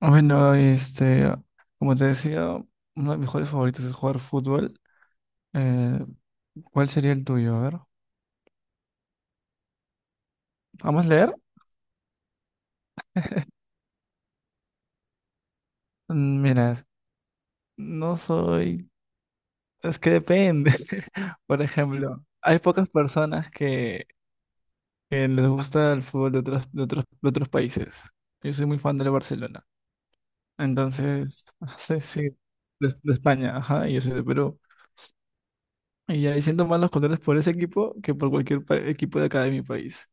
Bueno, como te decía, uno de mis hobbies favoritos es jugar fútbol. Eh, ¿Cuál sería el tuyo? A ver, ¿vamos a leer? Mira, no soy... Es que depende. Por ejemplo, hay pocas personas que les gusta el fútbol de otros países. Yo soy muy fan del Barcelona. Entonces, sí, sí, de España, ajá, y yo soy de Perú. Y ahí siento más los colores por ese equipo que por cualquier equipo de acá de mi país.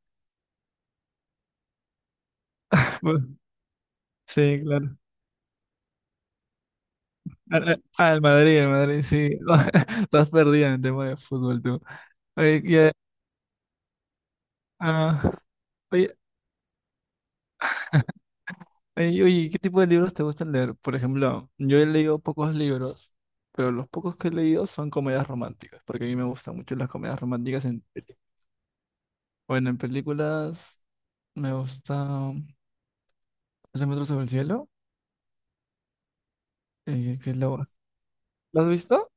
Sí, claro. Ah, al Madrid, el Madrid, sí. Estás perdida en el tema de fútbol, tú. Oye, ah, oye, oye, ¿qué tipo de libros te gustan leer? Por ejemplo, yo he leído pocos libros, pero los pocos que he leído son comedias románticas, porque a mí me gustan mucho las comedias románticas bueno, en películas me gusta Tres metros sobre el cielo, que es la voz. ¿La has visto?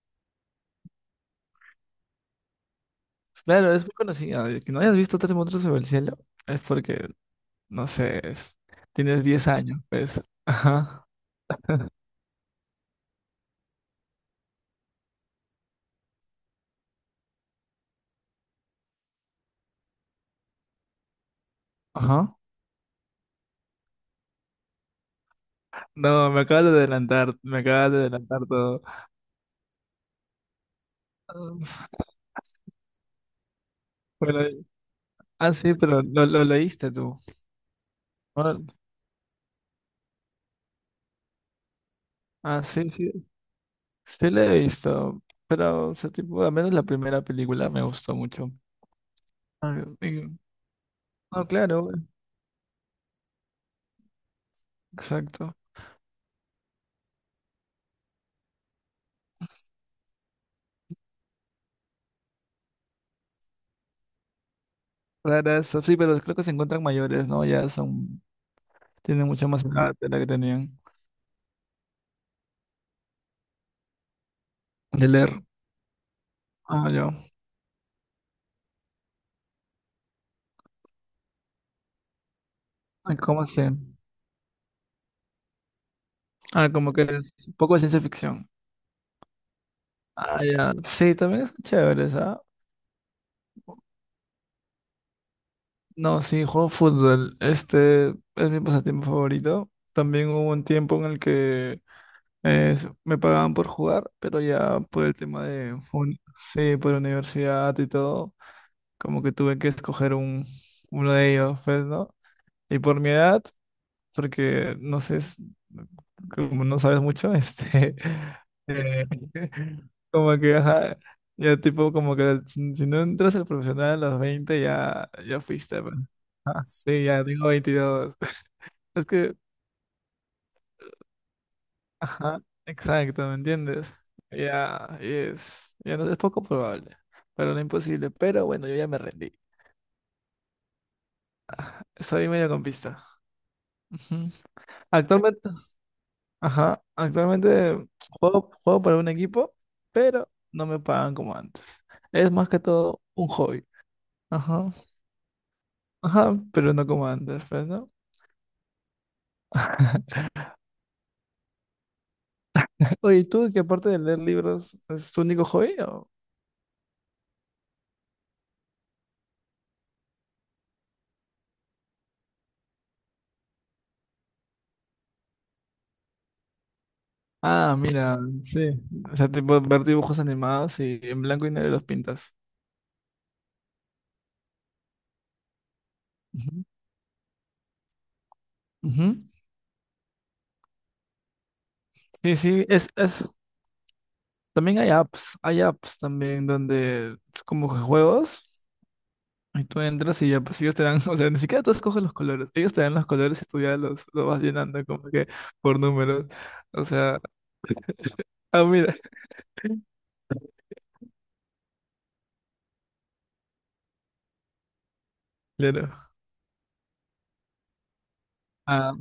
Claro, es muy conocida. Que no hayas visto Tres metros sobre el cielo es porque no sé, tienes 10 años, pues. Ajá, ajá. No, me acabas de adelantar, me acabas de adelantar todo. Ah, Bueno, sí, pero lo leíste tú. Bueno, sí, sí, sí lo he visto, pero, o sea, tipo, al menos la primera película me gustó mucho. Ah, no, claro, exacto. Claro, eso, sí, pero creo que se encuentran mayores, ¿no? Ya son, tienen mucha más edad de la que tenían de leer. Ah, yo. Ah, ¿cómo así? Ah, como que es un poco de ciencia ficción. Ah, ya. Sí, también es chévere, ¿sabes? No, sí, juego fútbol. Este es mi pasatiempo favorito. También hubo un tiempo en el que me pagaban por jugar, pero ya por el tema de, sí, por universidad y todo, como que tuve que escoger uno de ellos, pues, ¿no? Y por mi edad, porque no sé, como no sabes mucho, eh, como que, ajá, ya tipo, como que si no entras al profesional a los 20 ya, ya fuiste, pues. Ah, sí, ya tengo 22. Es que, ajá, exacto, ¿me entiendes? Ya, ya no es poco probable, pero no imposible. Pero bueno, yo ya me rendí. Soy medio campista. Ujú. Actualmente, ajá, actualmente juego para un equipo, pero no me pagan como antes. Es más que todo un hobby. Ajá, ajá, pero no como antes, pues, ¿no? Oye, ¿y tú, que aparte de leer libros es tu único hobby? Ah, mira, sí. O sea, tipo ver dibujos animados y en blanco y negro los pintas. Ujú, ujú. Sí, sí, también hay apps también donde como que juegos. Y tú entras y ya, pues ellos te dan, o sea, ni siquiera tú escoges los colores, ellos te dan los colores y tú ya los vas llenando como que por números. O sea, mira, claro. Ah,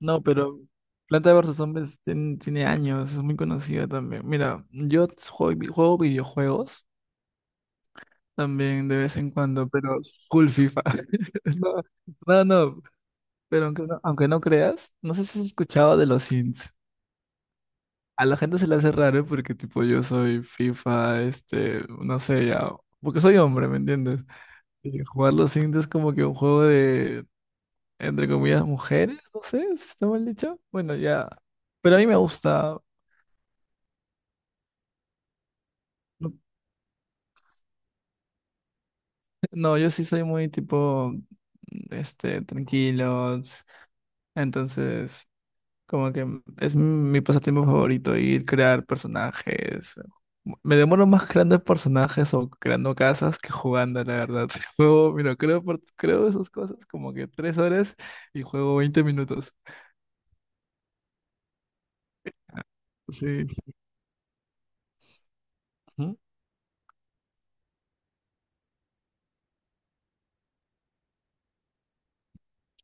no, pero Planta vs. Zombies tiene años, es muy conocida también. Mira, yo juego videojuegos también de vez en cuando, pero full FIFA. No, no, no, pero aunque no creas, no sé si has escuchado de los Sims. A la gente se le hace raro porque tipo yo soy FIFA, no sé, ya, porque soy hombre, ¿me entiendes? Y jugar los Sims es como que un juego de, entre comillas, mujeres, no sé, si está mal dicho. Bueno, ya, pero a mí me gusta. No, no, yo sí soy muy tipo, tranquilo, entonces como que es mi pasatiempo favorito, ir crear personajes. Me demoro más creando personajes o creando casas que jugando, la verdad. Juego, mira, creo esas cosas como que 3 horas y juego 20 minutos. Sí. Ujú.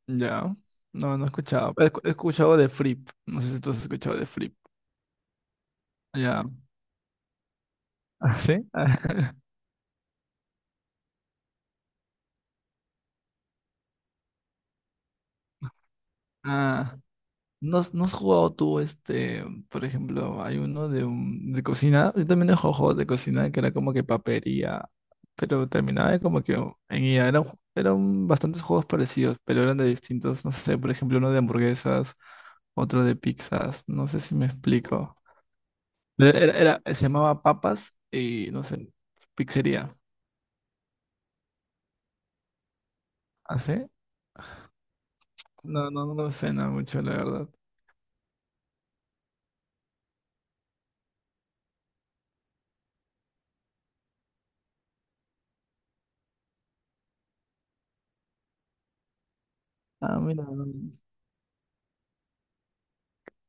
Ya. No, no he escuchado. He escuchado de Flip. No sé si tú has escuchado de Flip. Ya. ¿Ah, sí? Ah. ¿No has jugado tú, por ejemplo, hay uno de cocina? Yo también he jugado juegos de cocina que era como que papería, pero terminaba de como que en IA, eran bastantes juegos parecidos, pero eran de distintos, no sé, por ejemplo, uno de hamburguesas, otro de pizzas, no sé si me explico. Pero se llamaba Papas y, no sé, pizzería. ¿Ah, sí? No, no, no me suena mucho, la verdad. Ah, mira, no, no.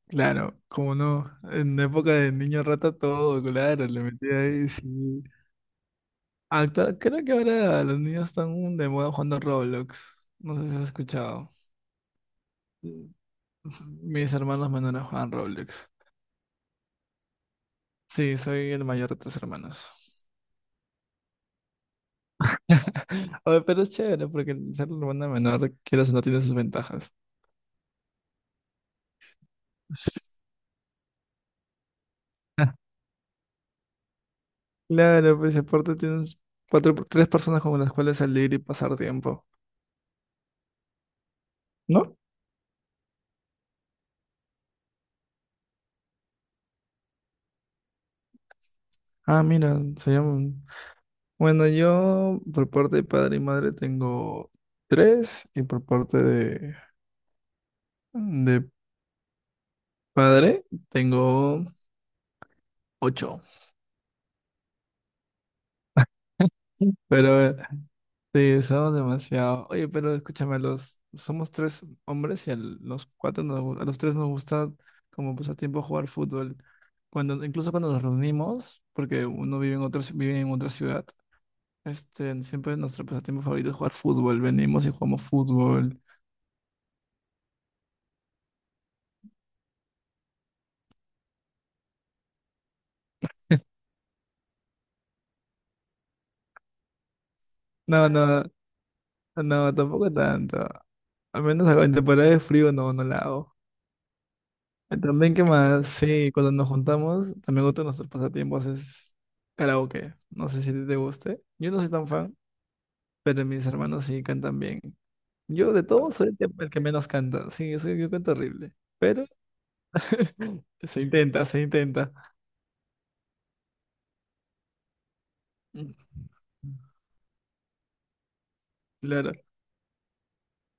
Claro, como no, en la época de niño rata todo, claro, le metía ahí, sí. Creo que ahora los niños están de moda jugando Roblox. No sé si has escuchado. Mm. Mis hermanos menores juegan Roblox. Sí, soy el mayor de tres hermanos. Oye, pero es chévere porque el ser hermana menor, quieras o no, tiene sus ventajas. Sí. Claro, pues aparte tienes cuatro, tres personas con las cuales salir y pasar tiempo. ¿No? Ah, mira, se llama. Bueno, yo por parte de padre y madre tengo tres y por parte de padre tengo ocho. Pero sí, somos demasiado. Oye, pero escúchame, somos tres hombres y a los tres nos gusta como pasatiempo jugar fútbol. Incluso cuando nos reunimos, porque uno vive en otra ciudad, siempre nuestro pasatiempo favorito es jugar fútbol. Venimos y jugamos fútbol. No, no. No, tampoco tanto. Al menos en temporada de frío no, no la hago. También, ¿qué más? Sí, cuando nos juntamos, también otro de nuestros pasatiempos es karaoke. No sé si te guste. Yo no soy tan fan, pero mis hermanos sí cantan bien. Yo de todos soy el que menos canta. Sí, yo canto horrible. Pero se intenta, se intenta. Mm, Claro.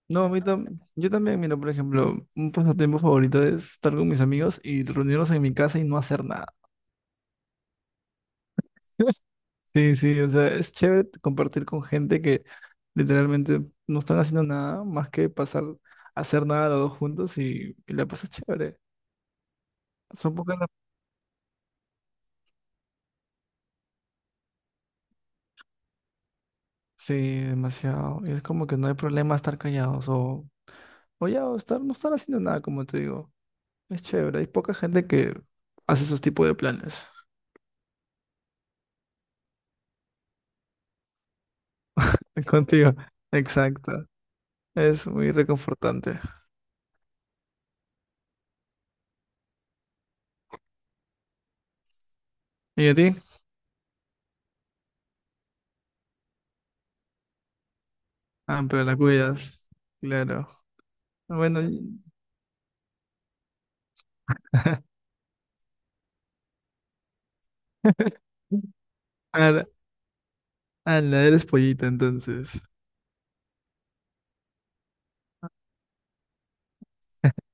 No, yo también, mira, por ejemplo, un pasatiempo favorito es estar con mis amigos y reunirnos en mi casa y no hacer nada. Sí, sí, o sea, es chévere compartir con gente que literalmente no están haciendo nada más que pasar, hacer nada los dos juntos y la pasas chévere. Son pocas las... Sí, demasiado. Y es como que no hay problema estar callados o, ya, o estar, no estar haciendo nada, como te digo. Es chévere. Hay poca gente que hace esos tipos de planes. Contigo. Exacto. Es muy reconfortante. ¿Y a ti? Ah, pero la cuidas. Claro. Bueno, ahora, ah, la eres pollita, entonces.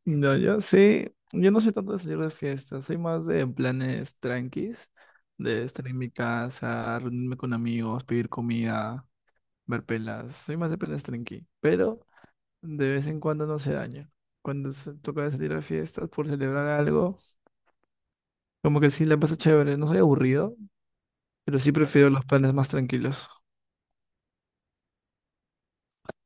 No, yo sí, yo no soy tanto de salir de fiesta, soy más de planes tranquis, de estar en mi casa, reunirme con amigos, pedir comida, ver pelas, soy más de planes tranqui, pero de vez en cuando no se daña. Cuando se toca de salir a fiestas por celebrar algo, como que sí la paso chévere, no soy aburrido, pero sí prefiero los planes más tranquilos.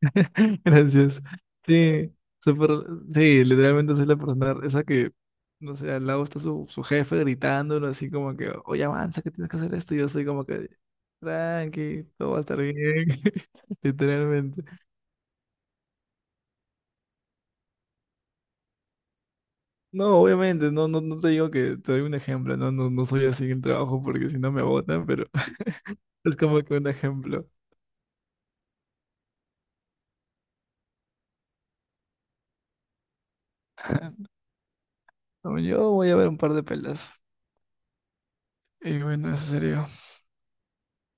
Gracias. Sí, súper- sí, literalmente soy la persona esa que, no sé, al lado está su jefe gritándolo así como que, oye, avanza, que tienes que hacer esto. Y yo soy como que, tranqui, todo va a estar bien, literalmente. No, obviamente, no, no, no te digo que te doy un ejemplo, no, no, no soy así en el trabajo porque si no me botan, pero es como que un ejemplo. Como yo voy a ver un par de pelas. Y bueno, eso sería.